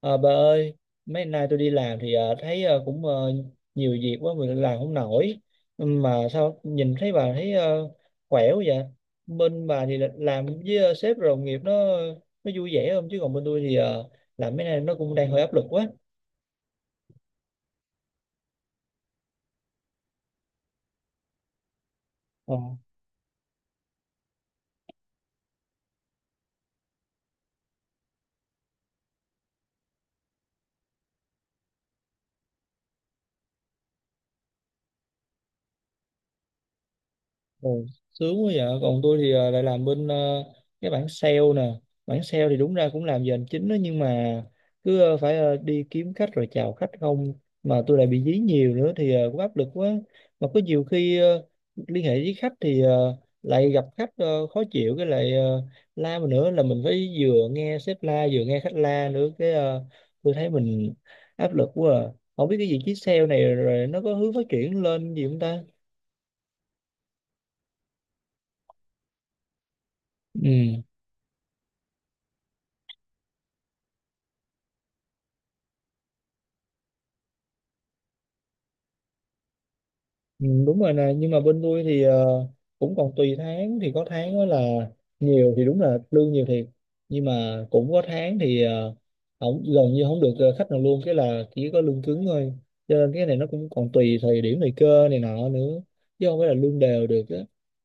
À, bà ơi, mấy nay tôi đi làm thì thấy cũng nhiều việc quá mình làm không nổi. Mà sao nhìn thấy bà thấy khỏe quá vậy? Bên bà thì làm với sếp rồi đồng nghiệp nó vui vẻ không? Chứ còn bên tôi thì làm mấy nay nó cũng đang hơi áp lực quá. Ờ. Ừ, sướng quá vậy. Còn tôi thì lại làm bên cái bảng sale nè. Bảng sale thì đúng ra cũng làm giờ hành chính đó, nhưng mà cứ phải đi kiếm khách rồi chào khách không, mà tôi lại bị dí nhiều nữa thì cũng áp lực quá. Mà có nhiều khi liên hệ với khách thì lại gặp khách khó chịu, cái lại la mình nữa, là mình phải vừa nghe sếp la vừa nghe khách la nữa, cái tôi thấy mình áp lực quá à. Không biết cái vị trí sale này rồi nó có hướng phát triển lên gì không ta? Ừ. Ừ, đúng rồi nè. Nhưng mà bên tôi thì cũng còn tùy tháng, thì có tháng đó là nhiều thì đúng là lương nhiều thiệt, nhưng mà cũng có tháng thì không, gần như không được khách nào luôn, cái là chỉ có lương cứng thôi. Cho nên cái này nó cũng còn tùy thời điểm, thời cơ này nọ nữa, chứ không phải là lương đều được á.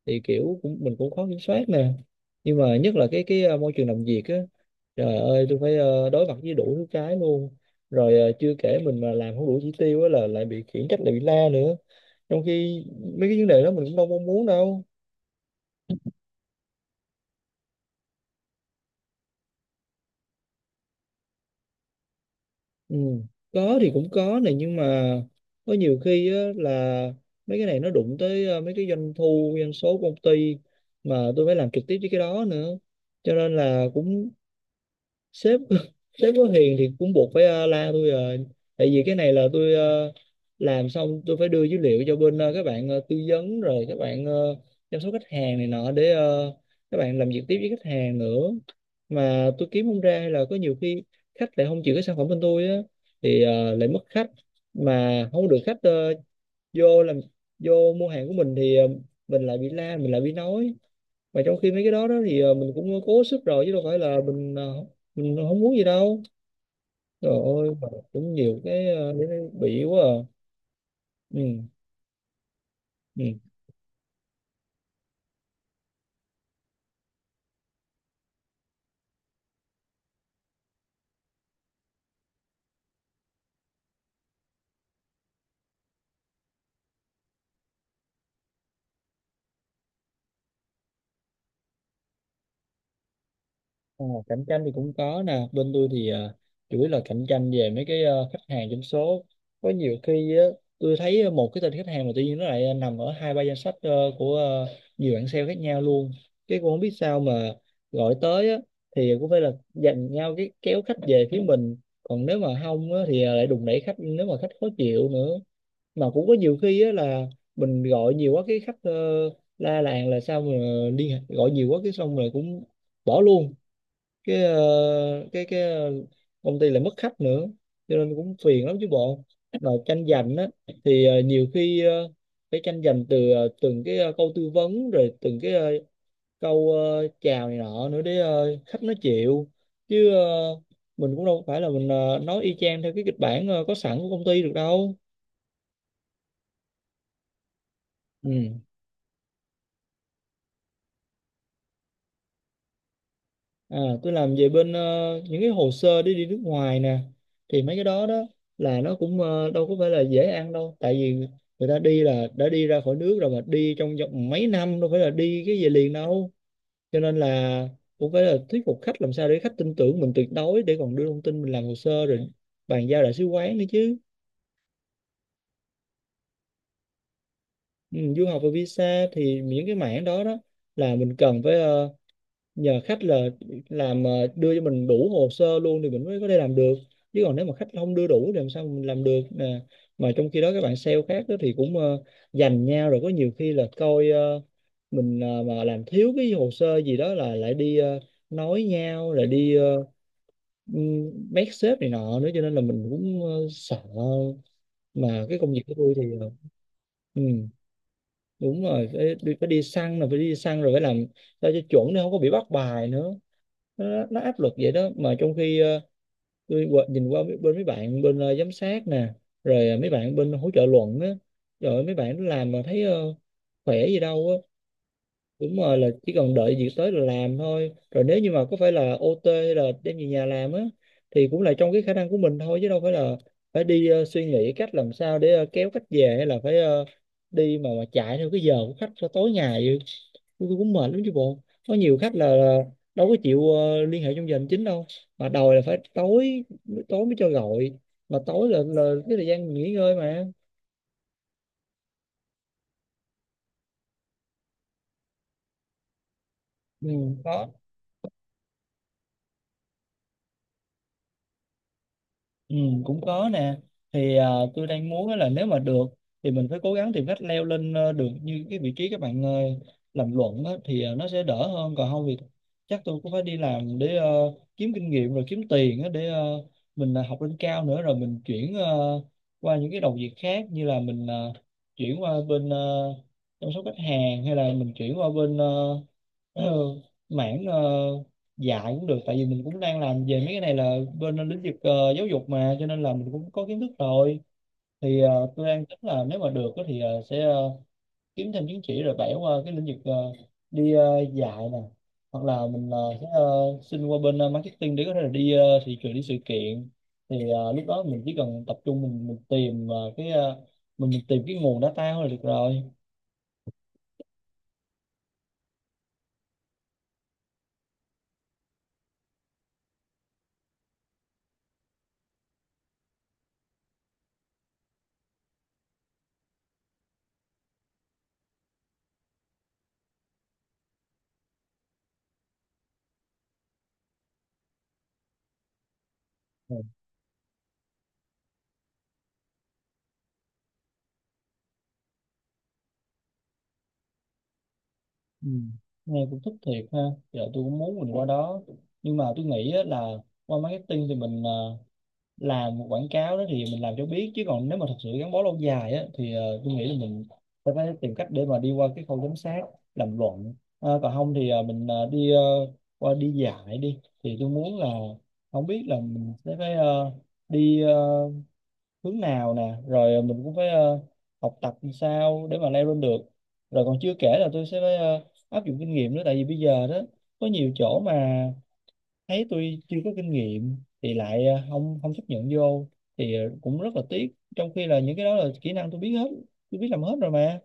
Thì kiểu cũng mình cũng khó kiểm soát nè. Nhưng mà nhất là cái môi trường làm việc á, trời ơi tôi phải đối mặt với đủ thứ cái luôn. Rồi chưa kể mình mà làm không đủ chỉ tiêu á là lại bị khiển trách, lại bị la nữa, trong khi mấy cái vấn đề đó mình cũng đâu mong muốn đâu. Ừ. Có thì cũng có này, nhưng mà có nhiều khi á, là mấy cái này nó đụng tới mấy cái doanh thu, doanh số của công ty, mà tôi phải làm trực tiếp với cái đó nữa, cho nên là cũng sếp sếp có hiền thì cũng buộc phải la tôi rồi. Tại vì cái này là tôi làm xong tôi phải đưa dữ liệu cho bên các bạn tư vấn, rồi các bạn chăm sóc khách hàng này nọ, để các bạn làm việc tiếp với khách hàng nữa. Mà tôi kiếm không ra, hay là có nhiều khi khách lại không chịu cái sản phẩm bên tôi á thì lại mất khách. Mà không được khách vô làm, vô mua hàng của mình thì mình lại bị la, mình lại bị nói, mà trong khi mấy cái đó đó thì mình cũng cố sức rồi chứ đâu phải là mình không muốn gì đâu. Trời ơi mà cũng nhiều cái để nó bị quá à. Ừ. Ừ. Ờ, cạnh tranh thì cũng có nè. Bên tôi thì chủ yếu là cạnh tranh về mấy cái khách hàng trong số. Có nhiều khi á, tôi thấy một cái tên khách hàng mà tự nhiên nó lại nằm ở hai ba danh sách của nhiều bạn sale khác nhau luôn, cái cũng không biết sao mà gọi tới á, thì cũng phải là giành nhau cái kéo khách về phía mình. Còn nếu mà không á, thì lại đùn đẩy khách nếu mà khách khó chịu nữa. Mà cũng có nhiều khi á, là mình gọi nhiều quá cái khách la làng là sao mà liên hệ gọi nhiều quá, cái xong rồi cũng bỏ luôn cái ờ, Công ty lại mất khách nữa, cho nên cũng phiền lắm chứ bộ. Mà tranh giành á thì nhiều khi phải tranh giành từ từng cái câu tư vấn, rồi từng cái câu chào này nọ nữa để khách nó chịu. Chứ mình cũng đâu phải là nói y chang theo cái kịch bản có sẵn của công ty được đâu. Ừ. À, tôi làm về bên những cái hồ sơ đi đi nước ngoài nè. Thì mấy cái đó đó là nó cũng đâu có phải là dễ ăn đâu, tại vì người ta đi là đã đi ra khỏi nước rồi, mà đi trong vòng mấy năm, đâu phải là đi cái về liền đâu. Cho nên là cũng phải là thuyết phục khách làm sao để khách tin tưởng mình tuyệt đối, để còn đưa thông tin mình làm hồ sơ rồi bàn giao đại sứ quán nữa chứ. Ừ, du học và visa, thì những cái mảng đó đó là mình cần phải nhờ khách là làm đưa cho mình đủ hồ sơ luôn, thì mình mới có thể làm được. Chứ còn nếu mà khách không đưa đủ thì làm sao mình làm được nè. Mà trong khi đó các bạn sale khác đó thì cũng giành nhau. Rồi có nhiều khi là coi mình mà làm thiếu cái hồ sơ gì đó là lại đi nói nhau, lại đi mét sếp này nọ nữa, cho nên là mình cũng sợ. Mà cái công việc của tôi thì ừ đúng rồi, phải, phải đi săn, rồi phải đi săn rồi phải làm sao cho chuẩn để không có bị bắt bài nữa. Nó áp lực vậy đó. Mà trong khi tôi nhìn qua bên mấy bạn bên giám sát nè, rồi mấy bạn bên hỗ trợ luận á, rồi mấy bạn làm mà thấy khỏe gì đâu. Đúng rồi, là chỉ cần đợi việc tới là làm thôi. Rồi nếu như mà có phải là OT hay là đem về nhà làm á, thì cũng là trong cái khả năng của mình thôi, chứ đâu phải là phải đi suy nghĩ cách làm sao để kéo khách về, hay là phải đi mà chạy theo cái giờ của khách cho tối ngày vậy. Tôi cũng mệt lắm chứ bộ. Có nhiều khách là đâu có chịu liên hệ trong giờ hành chính đâu, mà đòi là phải tối. Tối mới cho gọi, mà tối là cái thời gian nghỉ ngơi mà. Ừ, đó. Ừ, cũng có nè. Thì tôi đang muốn á là nếu mà được thì mình phải cố gắng tìm cách leo lên được như cái vị trí các bạn làm luận á, thì nó sẽ đỡ hơn. Còn không thì chắc tôi cũng phải đi làm để kiếm kinh nghiệm rồi kiếm tiền á, để mình học lên cao nữa, rồi mình chuyển qua những cái đầu việc khác, như là mình chuyển qua bên chăm sóc khách hàng, hay là mình chuyển qua bên ờ, mảng dạ cũng được. Tại vì mình cũng đang làm về mấy cái này là bên lĩnh vực giáo dục mà, cho nên là mình cũng có kiến thức rồi. Thì tôi đang tính là nếu mà được á thì sẽ kiếm thêm chứng chỉ rồi bẻ qua cái lĩnh vực đi dạy nè. Hoặc là mình sẽ xin qua bên marketing để có thể là đi thị trường, đi sự kiện, thì lúc đó mình chỉ cần tập trung mình tìm mình tìm cái nguồn data thôi là được rồi. Ừ. Nghe cũng thích thiệt ha. Giờ tôi cũng muốn mình qua đó, nhưng mà tôi nghĩ á, là qua marketing thì mình làm một quảng cáo đó thì mình làm cho biết. Chứ còn nếu mà thật sự gắn bó lâu dài á, thì tôi nghĩ là mình sẽ phải tìm cách để mà đi qua cái khâu giám sát, làm luận. Ờ, còn không thì mình đi qua đi dạy đi, thì tôi muốn là không biết là mình sẽ phải đi hướng nào nè, rồi mình cũng phải học tập làm sao để mà leo lên được. Rồi còn chưa kể là tôi sẽ phải áp dụng kinh nghiệm nữa, tại vì bây giờ đó có nhiều chỗ mà thấy tôi chưa có kinh nghiệm thì lại không không chấp nhận vô, thì cũng rất là tiếc, trong khi là những cái đó là kỹ năng tôi biết hết, tôi biết làm hết rồi mà.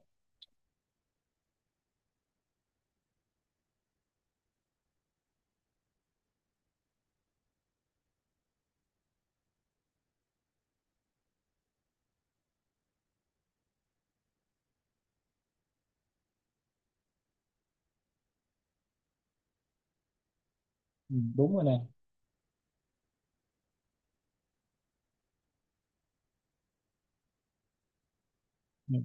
Ừ, đúng rồi nè. Ừ.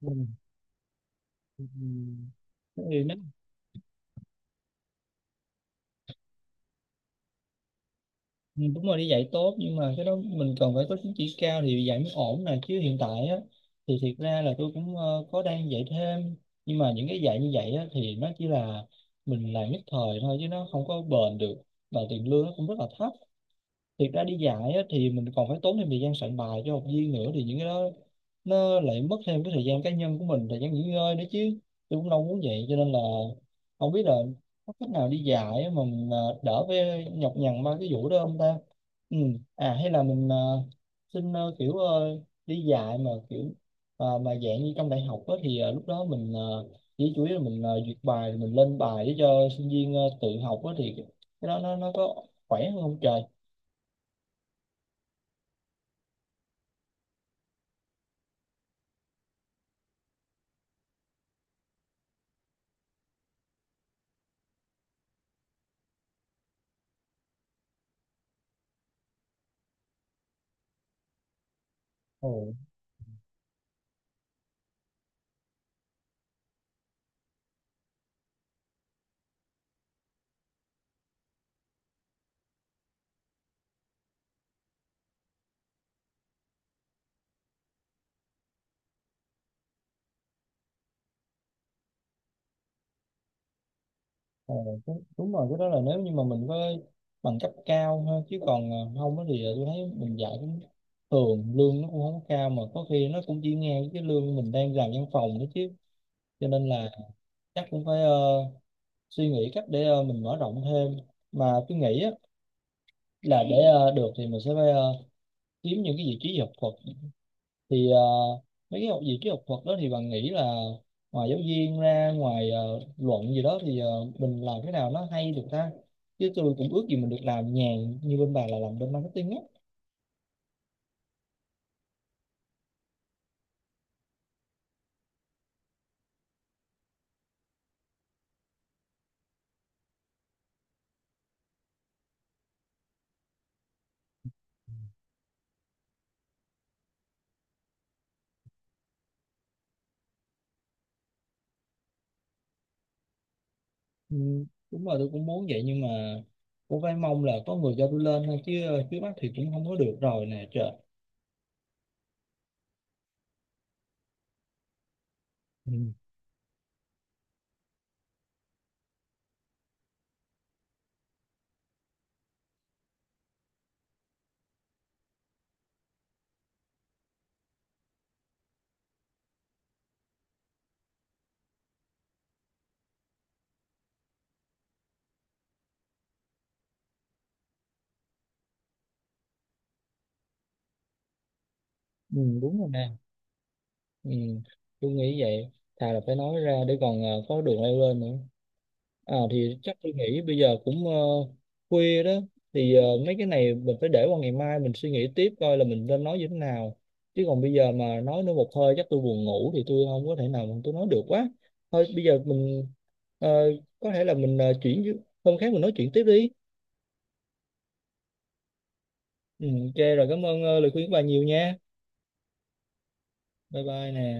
Ừ. Ừ. Ừ. Ừ, đúng rồi, đi dạy tốt, nhưng mà cái đó mình cần phải có chứng chỉ cao thì dạy mới ổn nè. Chứ hiện tại á thì thiệt ra là tôi cũng có đang dạy thêm, nhưng mà những cái dạy như vậy á thì nó chỉ là mình làm nhất thời thôi, chứ nó không có bền được, và tiền lương nó cũng rất là thấp. Thiệt ra đi dạy á, thì mình còn phải tốn thêm thời gian soạn bài cho học viên nữa, thì những cái đó nó lại mất thêm cái thời gian cá nhân của mình, thời gian nghỉ ngơi nữa chứ. Tôi cũng đâu muốn vậy, cho nên là không biết là có cách nào đi dạy á mà mình đỡ với nhọc nhằn ba cái vụ đó không ta. Ừ. Hay là mình xin kiểu đi dạy mà kiểu mà dạng như trong đại học á, thì lúc đó mình chỉ chủ yếu là mình duyệt bài rồi mình lên bài để cho sinh viên tự học á, thì cái đó nó có khỏe hơn không trời? Ừ. Ờ, đúng, đúng rồi, cái đó là nếu như mà mình có bằng cấp cao ha. Chứ còn không á thì tôi thấy mình dạy cũng thường, lương nó cũng không có cao, mà có khi nó cũng chỉ ngang với cái lương mình đang làm văn phòng nữa chứ. Cho nên là chắc cũng phải suy nghĩ cách để mình mở rộng thêm. Mà tôi nghĩ á, là để được thì mình sẽ phải kiếm những cái vị trí học thuật. Thì mấy cái học gì cái học thuật đó thì bạn nghĩ là ngoài giáo viên ra, ngoài luận gì đó, thì mình làm cái nào nó hay được ta. Chứ tôi cũng ước gì mình được làm nhàn như bên bà, là làm bên marketing á. Ừ, đúng rồi, tôi cũng muốn vậy. Nhưng mà cũng phải mong là có người cho tôi lên thôi chứ, trước mắt thì cũng không có được rồi nè trời. Ừ. Ừ, đúng rồi nè. Ừ, tôi nghĩ vậy. Thà là phải nói ra để còn có đường leo lên nữa. À thì chắc tôi nghĩ bây giờ cũng khuya đó, thì mấy cái này mình phải để qua ngày mai mình suy nghĩ tiếp, coi là mình nên nói như thế nào. Chứ còn bây giờ mà nói nữa một hơi chắc tôi buồn ngủ thì tôi không có thể nào mà tôi nói được quá. Thôi bây giờ mình ờ, có thể là mình chuyển hôm khác mình nói chuyện tiếp đi. Ừ, ok rồi, cảm ơn lời khuyên của bà nhiều nha. Bye bye nè.